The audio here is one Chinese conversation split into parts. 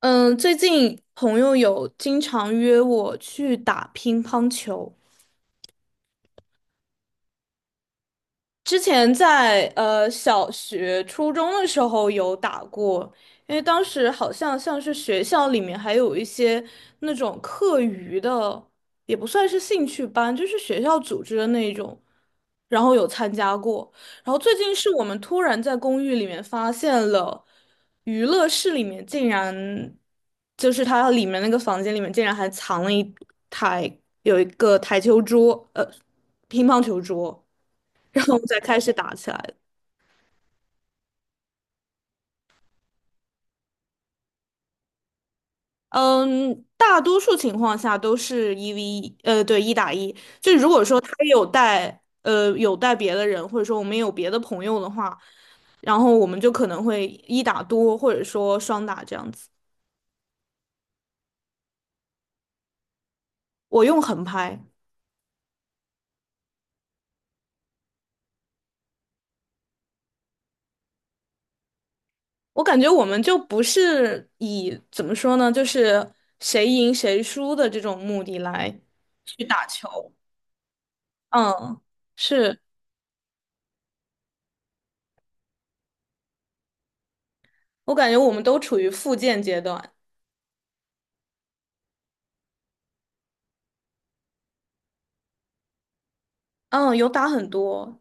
嗯，最近朋友有经常约我去打乒乓球。之前在小学、初中的时候有打过，因为当时好像像是学校里面还有一些那种课余的，也不算是兴趣班，就是学校组织的那种，然后有参加过。然后最近是我们突然在公寓里面发现了娱乐室里面竟然，就是它里面那个房间里面竟然还藏了有一个台球桌，乒乓球桌。然后再开始打起来的。嗯，大多数情况下都是一 v 一，对，一打一。就如果说他有带别的人，或者说我们有别的朋友的话，然后我们就可能会一打多，或者说双打这样子。我用横拍，我感觉我们就不是以怎么说呢，就是谁赢谁输的这种目的来去打球。嗯，是，我感觉我们都处于复健阶段。嗯，有打很多。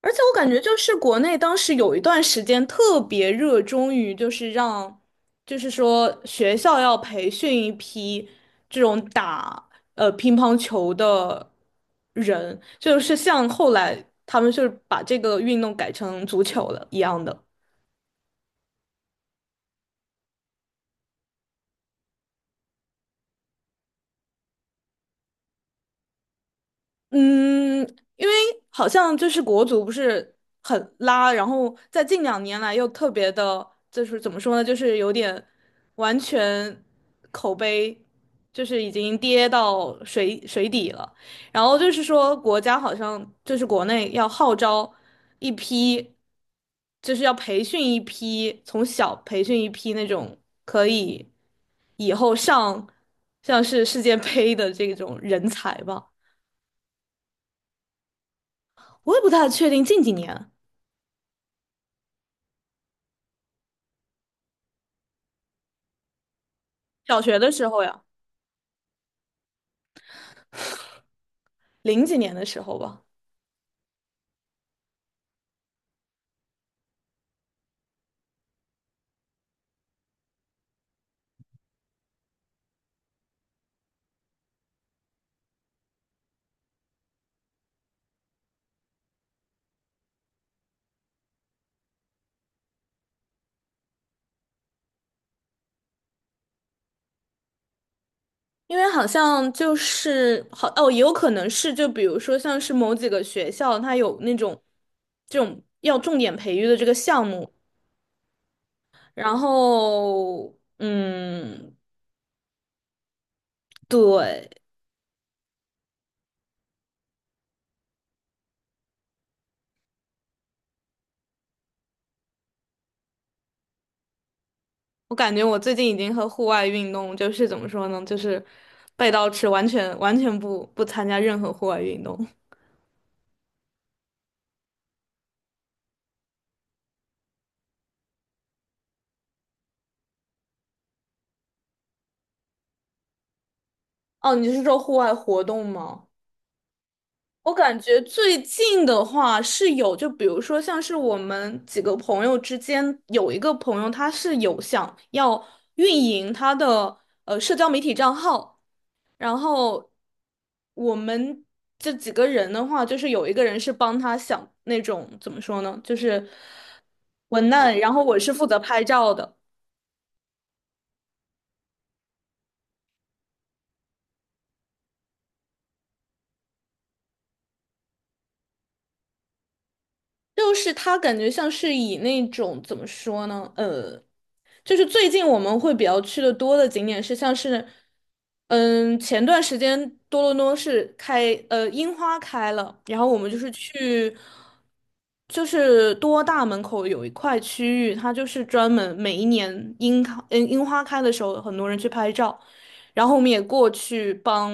而且我感觉就是国内当时有一段时间特别热衷于，就是让，就是说学校要培训一批这种打乒乓球的人，就是像后来他们就是把这个运动改成足球了一样的。嗯，因为好像就是国足不是很拉，然后在近2年来又特别的，就是怎么说呢，就是有点完全口碑就是已经跌到水底了。然后就是说国家好像就是国内要号召一批，就是要培训一批，从小培训一批那种可以以后上像是世界杯的这种人才吧。我也不太确定近几年，小学的时候呀。零几年的时候吧，因为好像就是好哦，也有可能是就比如说像是某几个学校，它有那种这种要重点培育的这个项目，然后嗯，对，我感觉我最近已经和户外运动就是怎么说呢，就是背道吃，完全不参加任何户外运动。哦，你是说户外活动吗？我感觉最近的话是有，就比如说像是我们几个朋友之间有一个朋友，他是有想要运营他的社交媒体账号，然后我们这几个人的话，就是有一个人是帮他想那种怎么说呢，就是文案，然后我是负责拍照的。就是他感觉像是以那种怎么说呢？就是最近我们会比较去的多的景点是像是，嗯，前段时间多伦多是樱花开了，然后我们就是去，就是多大门口有一块区域，它就是专门每一年樱花开的时候，很多人去拍照，然后我们也过去帮，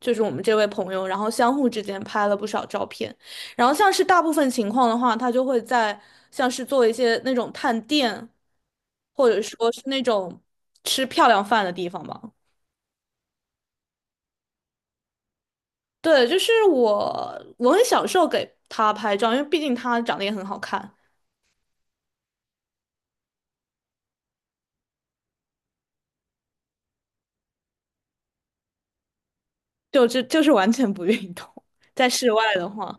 就是我们这位朋友，然后相互之间拍了不少照片。然后像是大部分情况的话，他就会在像是做一些那种探店，或者说是那种吃漂亮饭的地方吧。对，就是我很享受给他拍照，因为毕竟他长得也很好看，就是完全不运动。在室外的话，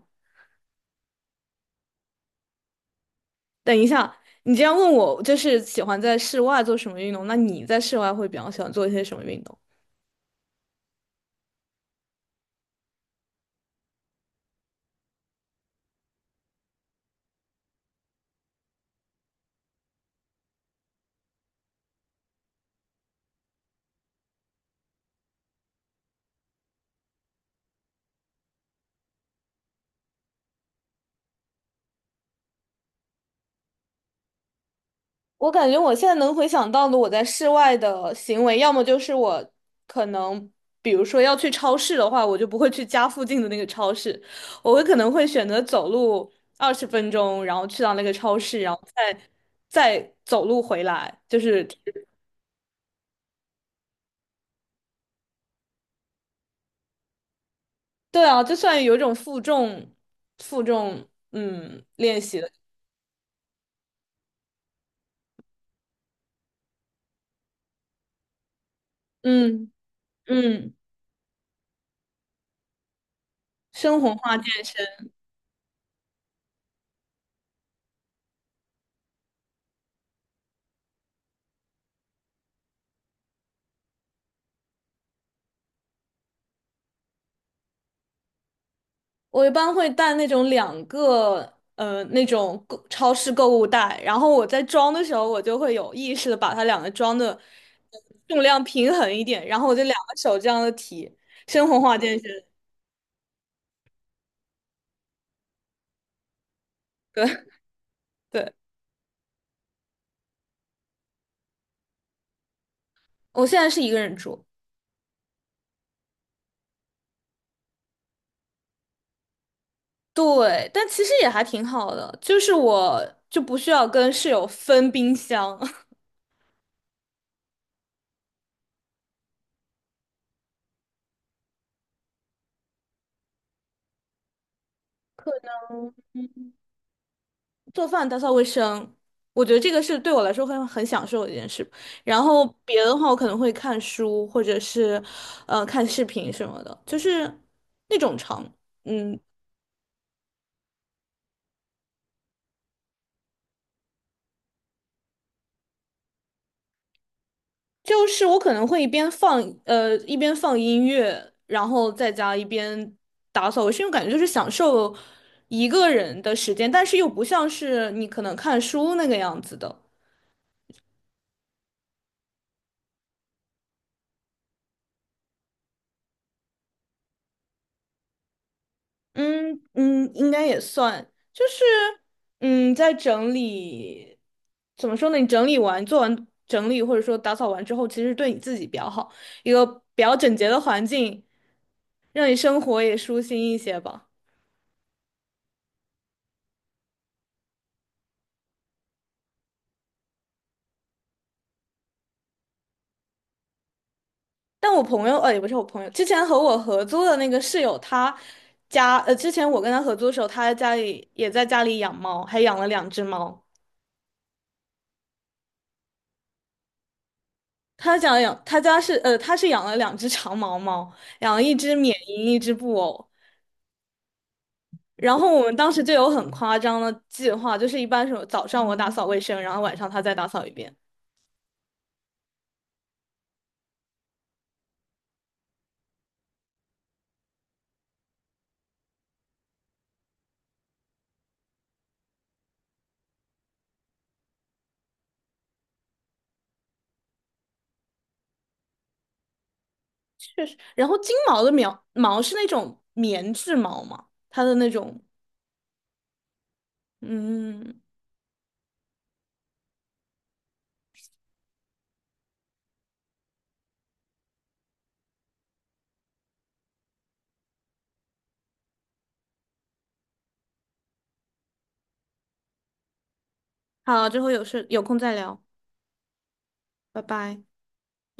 等一下，你这样问我，就是喜欢在室外做什么运动？那你在室外会比较喜欢做一些什么运动？我感觉我现在能回想到的我在室外的行为，要么就是我可能，比如说要去超市的话，我就不会去家附近的那个超市，我会可能会选择走路20分钟，然后去到那个超市，然后再走路回来，就是，对啊，就算有一种负重练习的，嗯嗯，生活化健身，我一般会带那种两个那种超市购物袋，然后我在装的时候，我就会有意识的把它两个装的呃重量平衡一点，然后我就两个手这样的提，生活化健身。对 对，我现在是一个人住，对，但其实也还挺好的，就是我就不需要跟室友分冰箱，做饭、打扫卫生，我觉得这个是对我来说会很享受的一件事。然后别的话，我可能会看书，或者是看视频什么的，就是那种长，嗯，就是我可能会一边放音乐，然后在家一边打扫卫生，因为感觉就是享受一个人的时间，但是又不像是你可能看书那个样子的。嗯嗯，应该也算，就是在整理，怎么说呢？你整理完、做完整理，或者说打扫完之后，其实对你自己比较好，一个比较整洁的环境，让你生活也舒心一些吧。但我朋友，也不是我朋友，之前和我合租的那个室友，之前我跟他合租的时候，他家里也在家里养猫，还养了2只猫。他家养，他家是，呃，他是养了2只长毛猫，养了一只缅因，一只布偶。然后我们当时就有很夸张的计划，就是一般是早上我打扫卫生，然后晚上他再打扫一遍。确实，然后金毛的苗毛是那种棉质毛嘛，它的那种，嗯，好，之后有空再聊，拜拜。